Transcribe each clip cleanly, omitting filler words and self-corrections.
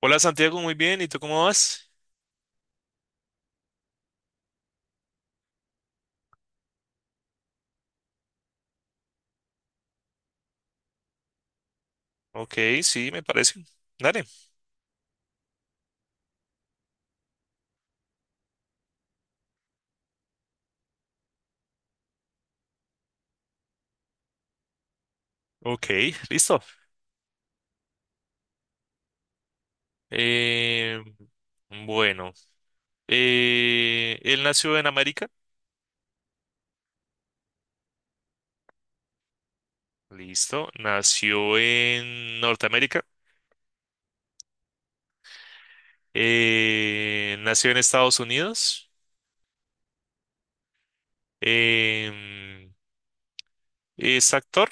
Hola Santiago, muy bien. ¿Y tú cómo vas? Ok, sí, me parece. Dale. Ok, listo. Eh, bueno, él nació en América. Listo. Nació en Norteamérica. Nació en Estados Unidos. Em, es actor,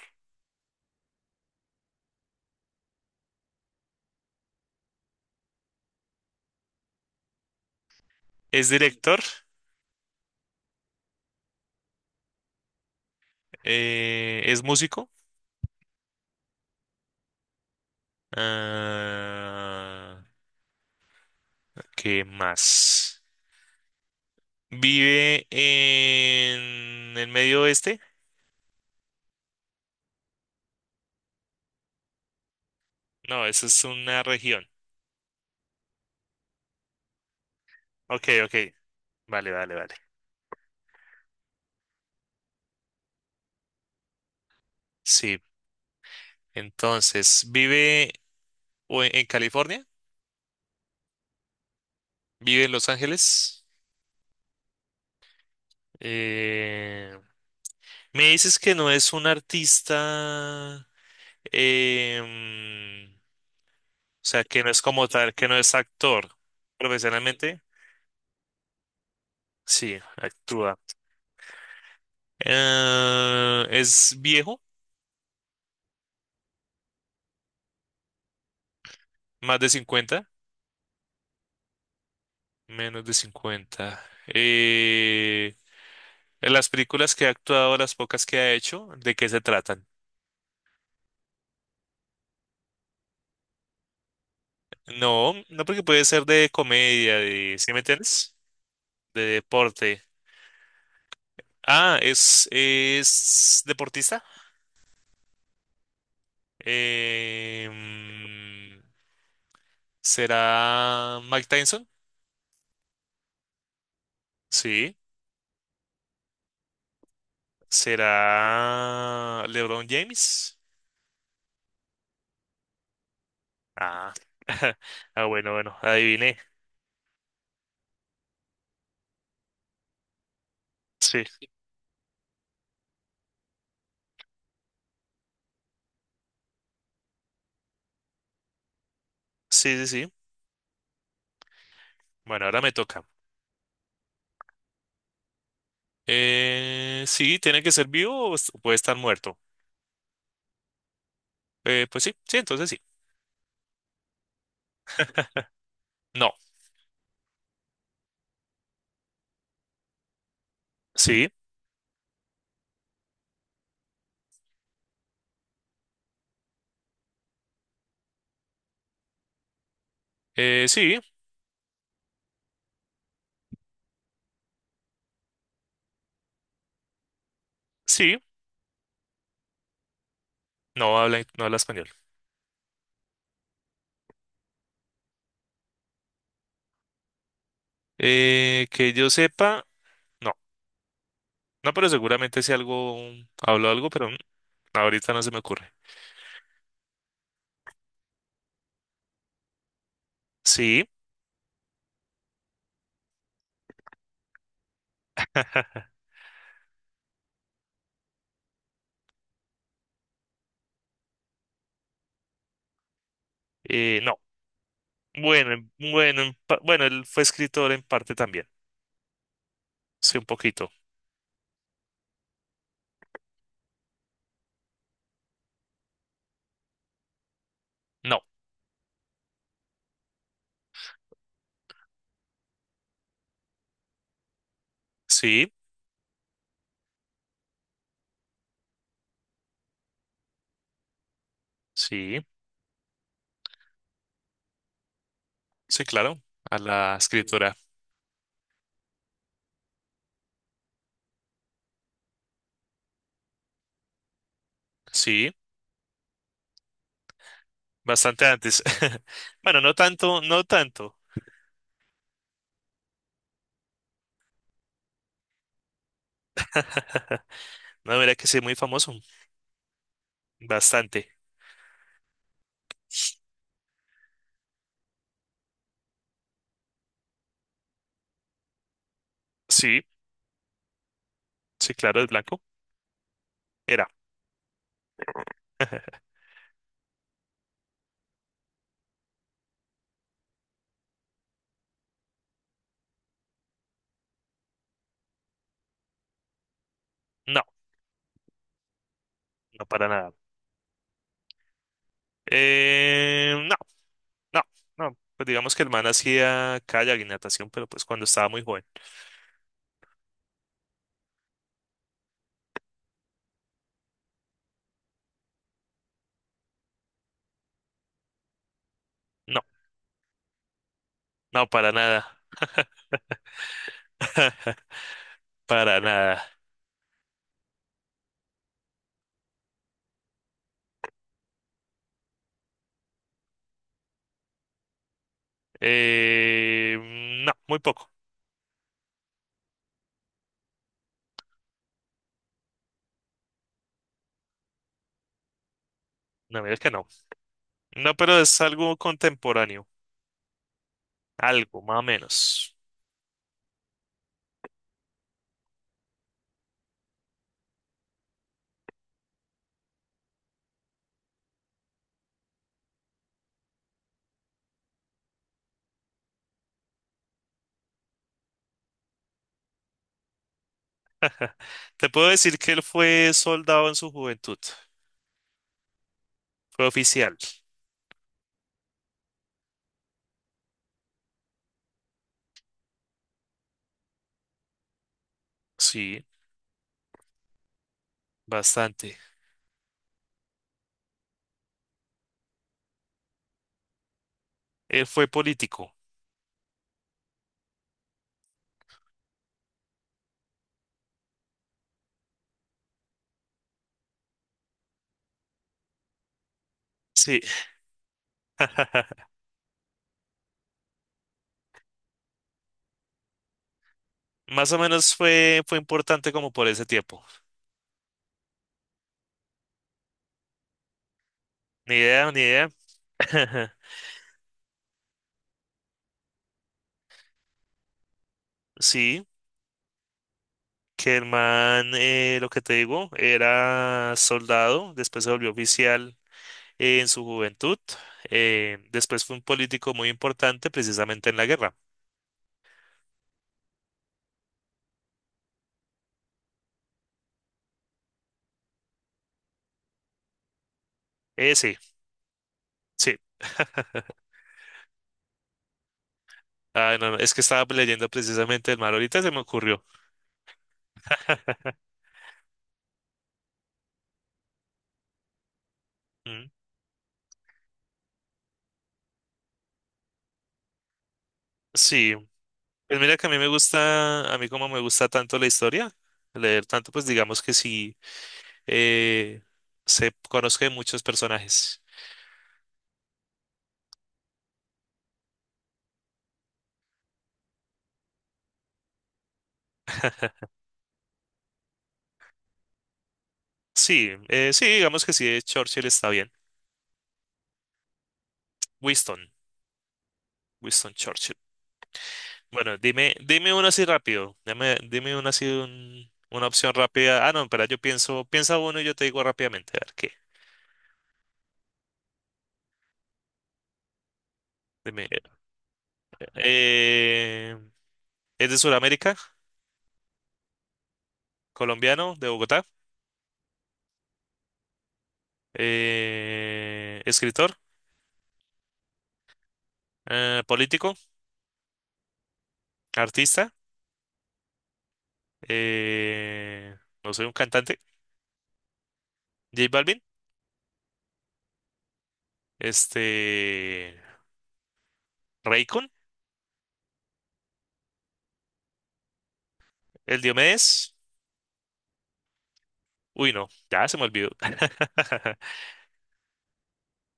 es director, es músico. Ah, ¿qué más? Vive en el medio oeste. No, eso es una región. Ok, ok. Vale, vale, vale. Sí. Entonces, vive o en California, vive en Los Ángeles. Eh, me dices que no es un artista, o sea, que no es como tal, que no es actor profesionalmente. Sí, actúa. Es viejo, más de 50, menos de 50. En las películas que ha actuado, las pocas que ha hecho, ¿de qué se tratan? No, no porque puede ser de comedia, ¿sí me entiendes? De deporte. Ah, es deportista. Em, ¿será Mike Tyson? Sí. ¿Será LeBron James? Ah, Ah, bueno, bueno, adiviné. Sí, sí, sí, sí. Bueno, ahora me toca. Sí, tiene que ser vivo o puede estar muerto. Pues sí, sí, entonces sí. No, sí, sí, sí, no habla español. Que yo sepa, no, no, pero seguramente si algo, hablo algo, pero ahorita no se me ocurre. Sí, no, bueno, bueno, bueno, él fue escritor en parte también, sí, un poquito. No, sí, sí, sí, claro, a la escritora, sí, bastante antes. Bueno, no tanto, no tanto. No, mira que sí, muy famoso, bastante. Sí. Sí, claro, es blanco. Era. No, no para nada. No, no, no. Pues digamos que el man hacía kayak y natación, pero pues cuando estaba muy joven. No, no, para nada, para nada. Eh, no, muy poco. No, mira que no. No, pero es algo contemporáneo. Algo, más o menos. Te puedo decir que él fue soldado en su juventud. Fue oficial. Sí, bastante. Él fue político. Sí. Más o menos fue, importante como por ese tiempo. Ni idea, ni idea. Sí, que el man, lo que te digo, era soldado, después se volvió oficial en su juventud, después fue un político muy importante precisamente en la guerra. Sí, sí. Ah, no, no, es que estaba leyendo precisamente el mar, ahorita se me ocurrió. Mm. Sí, pues mira que a mí me gusta, a mí como me gusta tanto la historia, leer tanto, pues digamos que sí. eh, se conozca de muchos personajes. Sí, sí, digamos que sí, Churchill está bien. Winston, Winston Churchill. Bueno, dime, dime uno así rápido. Dime, dime uno así, una opción rápida. Ah, no, espera, yo pienso, piensa uno y yo te digo rápidamente, a ver qué. Dime. eh, es de Sudamérica, colombiano, de Bogotá, escritor, político, artista, eh, no soy un cantante. J Balvin, este, Raycon, el Diomedes. Uy, no, ya se me olvidó.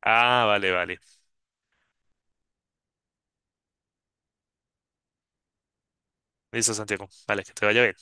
Ah, vale, vale. Listo, Santiago. Vale, que te vaya bien.